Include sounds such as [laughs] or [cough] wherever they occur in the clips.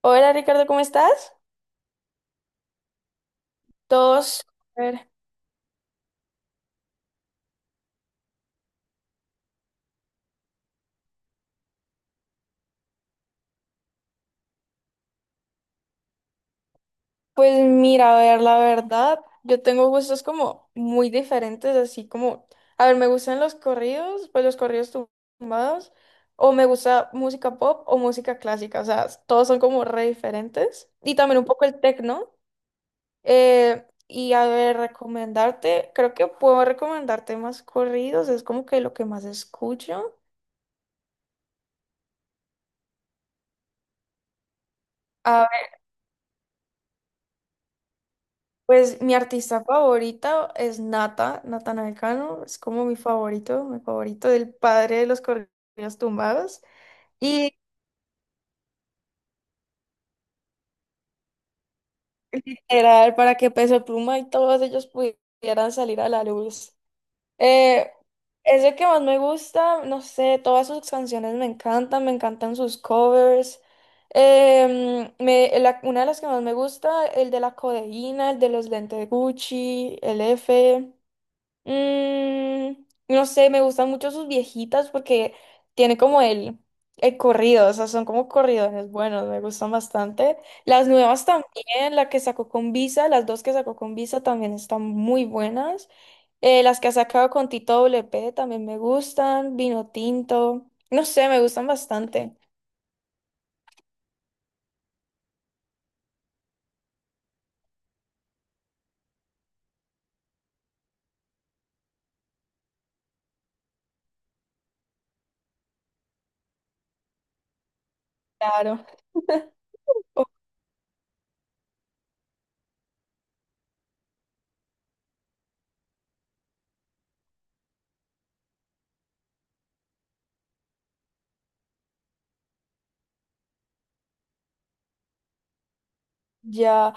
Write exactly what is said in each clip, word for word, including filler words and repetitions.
Hola Ricardo, ¿cómo estás? Todos. A ver, pues mira, a ver, la verdad, yo tengo gustos como muy diferentes, así como, a ver, me gustan los corridos, pues los corridos tumbados, o me gusta música pop o música clásica, o sea, todos son como re diferentes. Y también un poco el techno. eh, y a ver, recomendarte, creo que puedo recomendarte más corridos, es como que lo que más escucho. Pues mi artista favorita es Nata, Natanael Naecano, es como mi favorito, mi favorito del padre de los corridos tumbados. Y era para que Peso Pluma y todos ellos pudieran salir a la luz. Eh, es el que más me gusta, no sé, todas sus canciones me encantan, me encantan sus covers. Em, me- la- una de las que más me gusta, el de la codeína, el de los lentes Gucci, el F. Mm, no sé, me gustan mucho sus viejitas porque tiene como el, el corrido, o sea, son como corridones buenos, me gustan bastante. Las nuevas también, la que sacó con Visa, las dos que sacó con Visa también están muy buenas. Eh, las que ha sacado con Tito W P también me gustan, Vino Tinto, no sé, me gustan bastante. Claro. Oh, ya.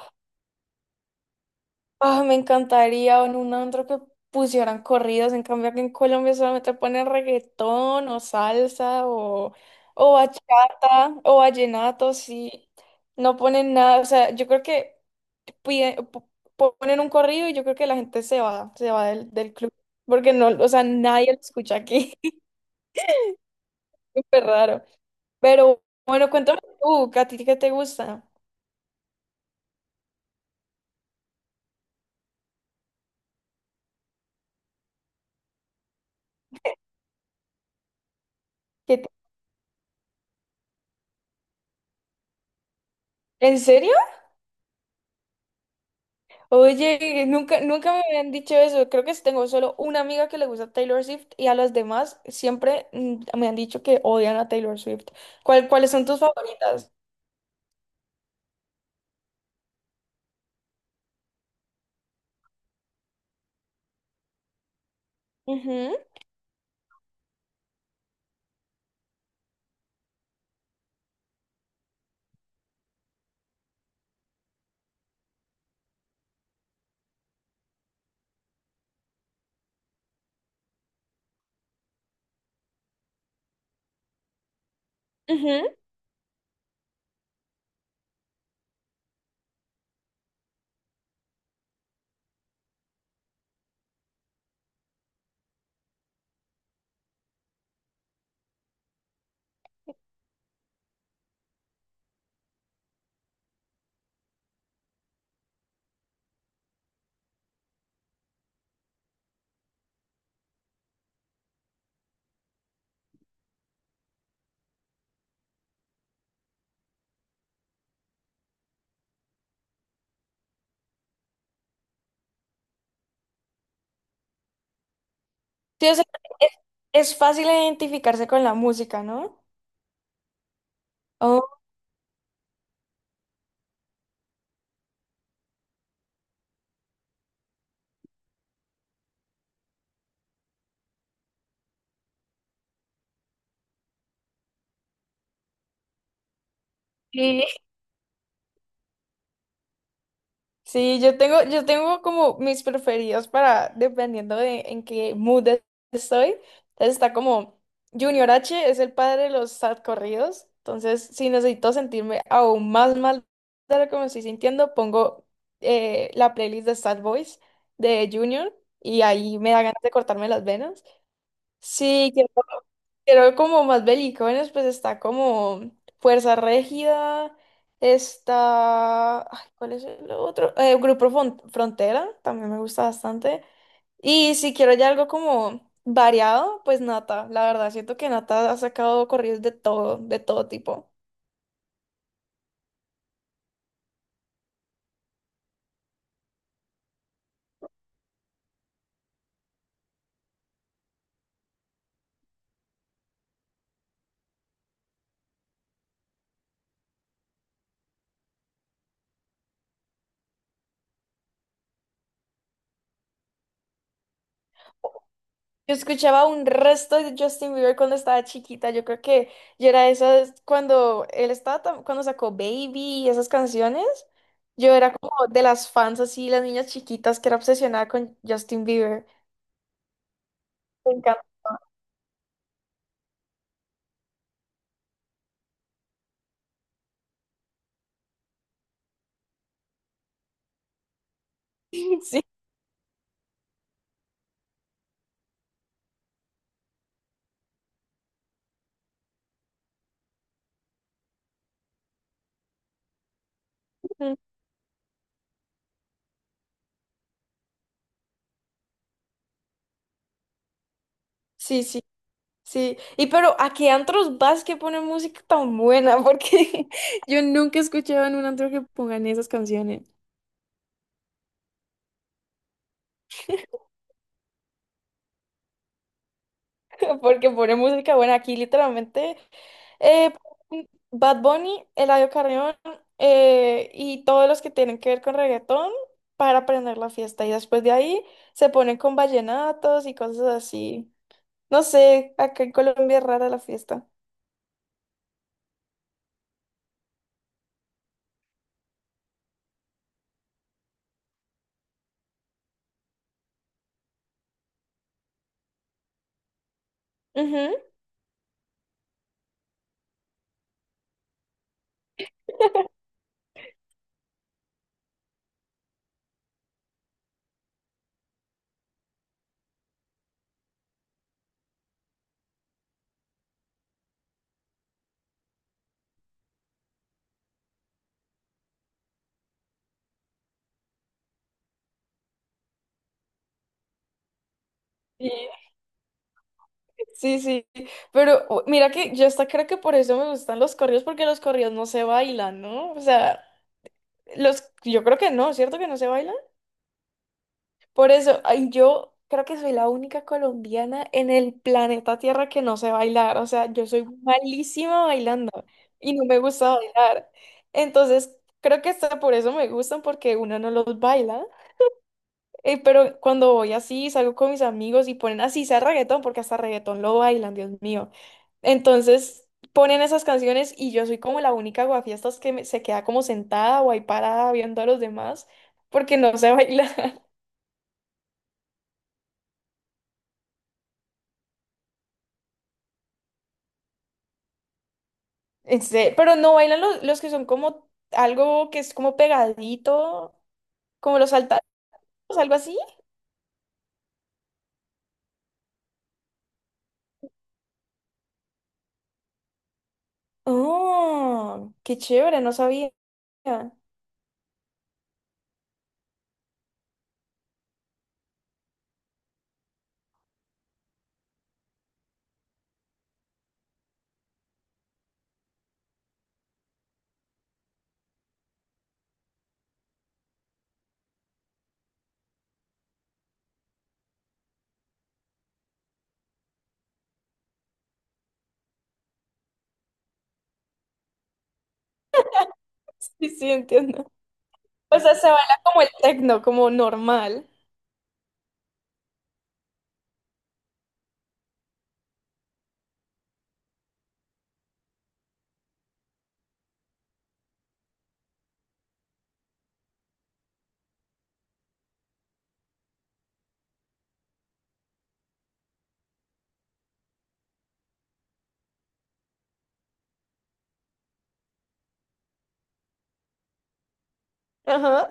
Ah, me encantaría o en un antro que pusieran corridos, en cambio aquí en Colombia solamente ponen reggaetón o salsa o, o bachata o vallenato, sí, no ponen nada, o sea, yo creo que pide- po- ponen un corrido y yo creo que la gente se va, se va del, del club, porque no, o sea, nadie lo escucha aquí, [laughs] es súper raro, pero bueno, cuéntame tú, ¿a ti qué te gusta? ¿Qué te- ¿En serio? Oye, nunca, nunca me habían dicho eso. Creo que sí tengo solo una amiga que le gusta Taylor Swift y a las demás siempre mm, me han dicho que odian a Taylor Swift. ¿Cuál- ¿cuáles son tus favoritas? Ujú, ujú. Sí, o sea, es, es fácil identificarse con la música, ¿no? Ok. Sí, yo tengo, yo tengo como mis preferidos para, dependiendo de en qué mood estoy. Entonces está como Junior H es el padre de los sad corridos. Entonces, si necesito sentirme aún más mal de lo que me estoy sintiendo, pongo eh, la playlist de Sad Boys de Junior y ahí me da ganas de cortarme las venas. Sí, pero como más belicones, pues está como Fuerza Régida, está... ay, ¿cuál es el otro? Eh, Grupo Fron- Frontera, también me gusta bastante. Y si quiero ya algo como variado, pues Nata, la verdad, siento que Nata ha sacado corridos de todo, de todo tipo. Yo escuchaba un resto de Justin Bieber cuando estaba chiquita. Yo creo que yo era esas cuando él estaba tan- cuando sacó Baby y esas canciones. Yo era como de las fans así, las niñas chiquitas que era obsesionada con Justin Bieber. Me encanta. [laughs] Sí, ujú, sí, sí, sí. Y pero ¿a qué antros vas que ponen música tan buena? Porque [laughs] yo nunca he escuchado en un antro que pongan esas canciones. Porque pone música buena aquí, literalmente. eh, Bad Bunny, Eladio Carrión, eh, y todos los que tienen que ver con reggaetón para aprender la fiesta. Y después de ahí se ponen con vallenatos y cosas así. No sé, acá en Colombia es rara la fiesta. Ujú. Sí, sí, sí. Pero u- mira que yo hasta creo que por eso me gustan los corridos, porque los corridos no se bailan, ¿no? O sea, los, yo creo que no, ¿cierto que no se bailan? Por eso, ay, yo creo que soy la única colombiana en el planeta Tierra que no sé bailar. O sea, yo soy malísima bailando y no me gusta bailar. Entonces, creo que hasta por eso me gustan, porque uno no los baila. Eh, pero cuando voy así, salgo con mis amigos y ponen así, sea reggaetón, porque hasta reggaetón lo bailan, Dios mío. Entonces, ponen esas canciones y yo soy como la única guafiestas que me- se queda como sentada o ahí parada viendo a los demás, porque no sé [laughs] bailar. Este, pero no bailan los, los que son como algo que es como pegadito, como los saltados, algo así. Oh, qué chévere, no sabía. Sí, sí, entiendo. O sea, se baila como el tecno, como normal. Ajá.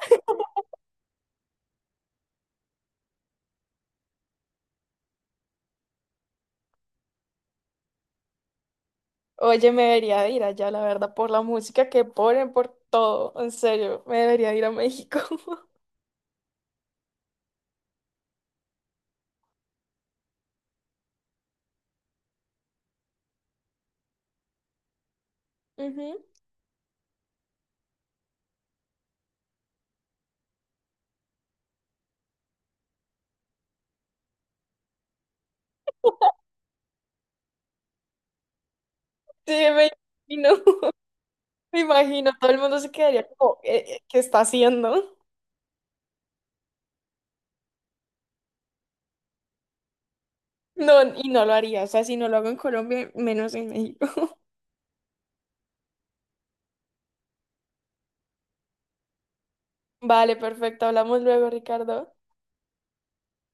Oye, me debería ir allá, la verdad, por la música que ponen, por todo. En serio, me debería ir a México. [laughs] Ujú. Sí, me imagino. [laughs] Me imagino, todo el mundo se quedaría como, "Eh, eh, ¿qué está haciendo? No, y no lo haría. O sea, si no lo hago en Colombia, menos en México. [laughs] Vale, perfecto. Hablamos luego, Ricardo.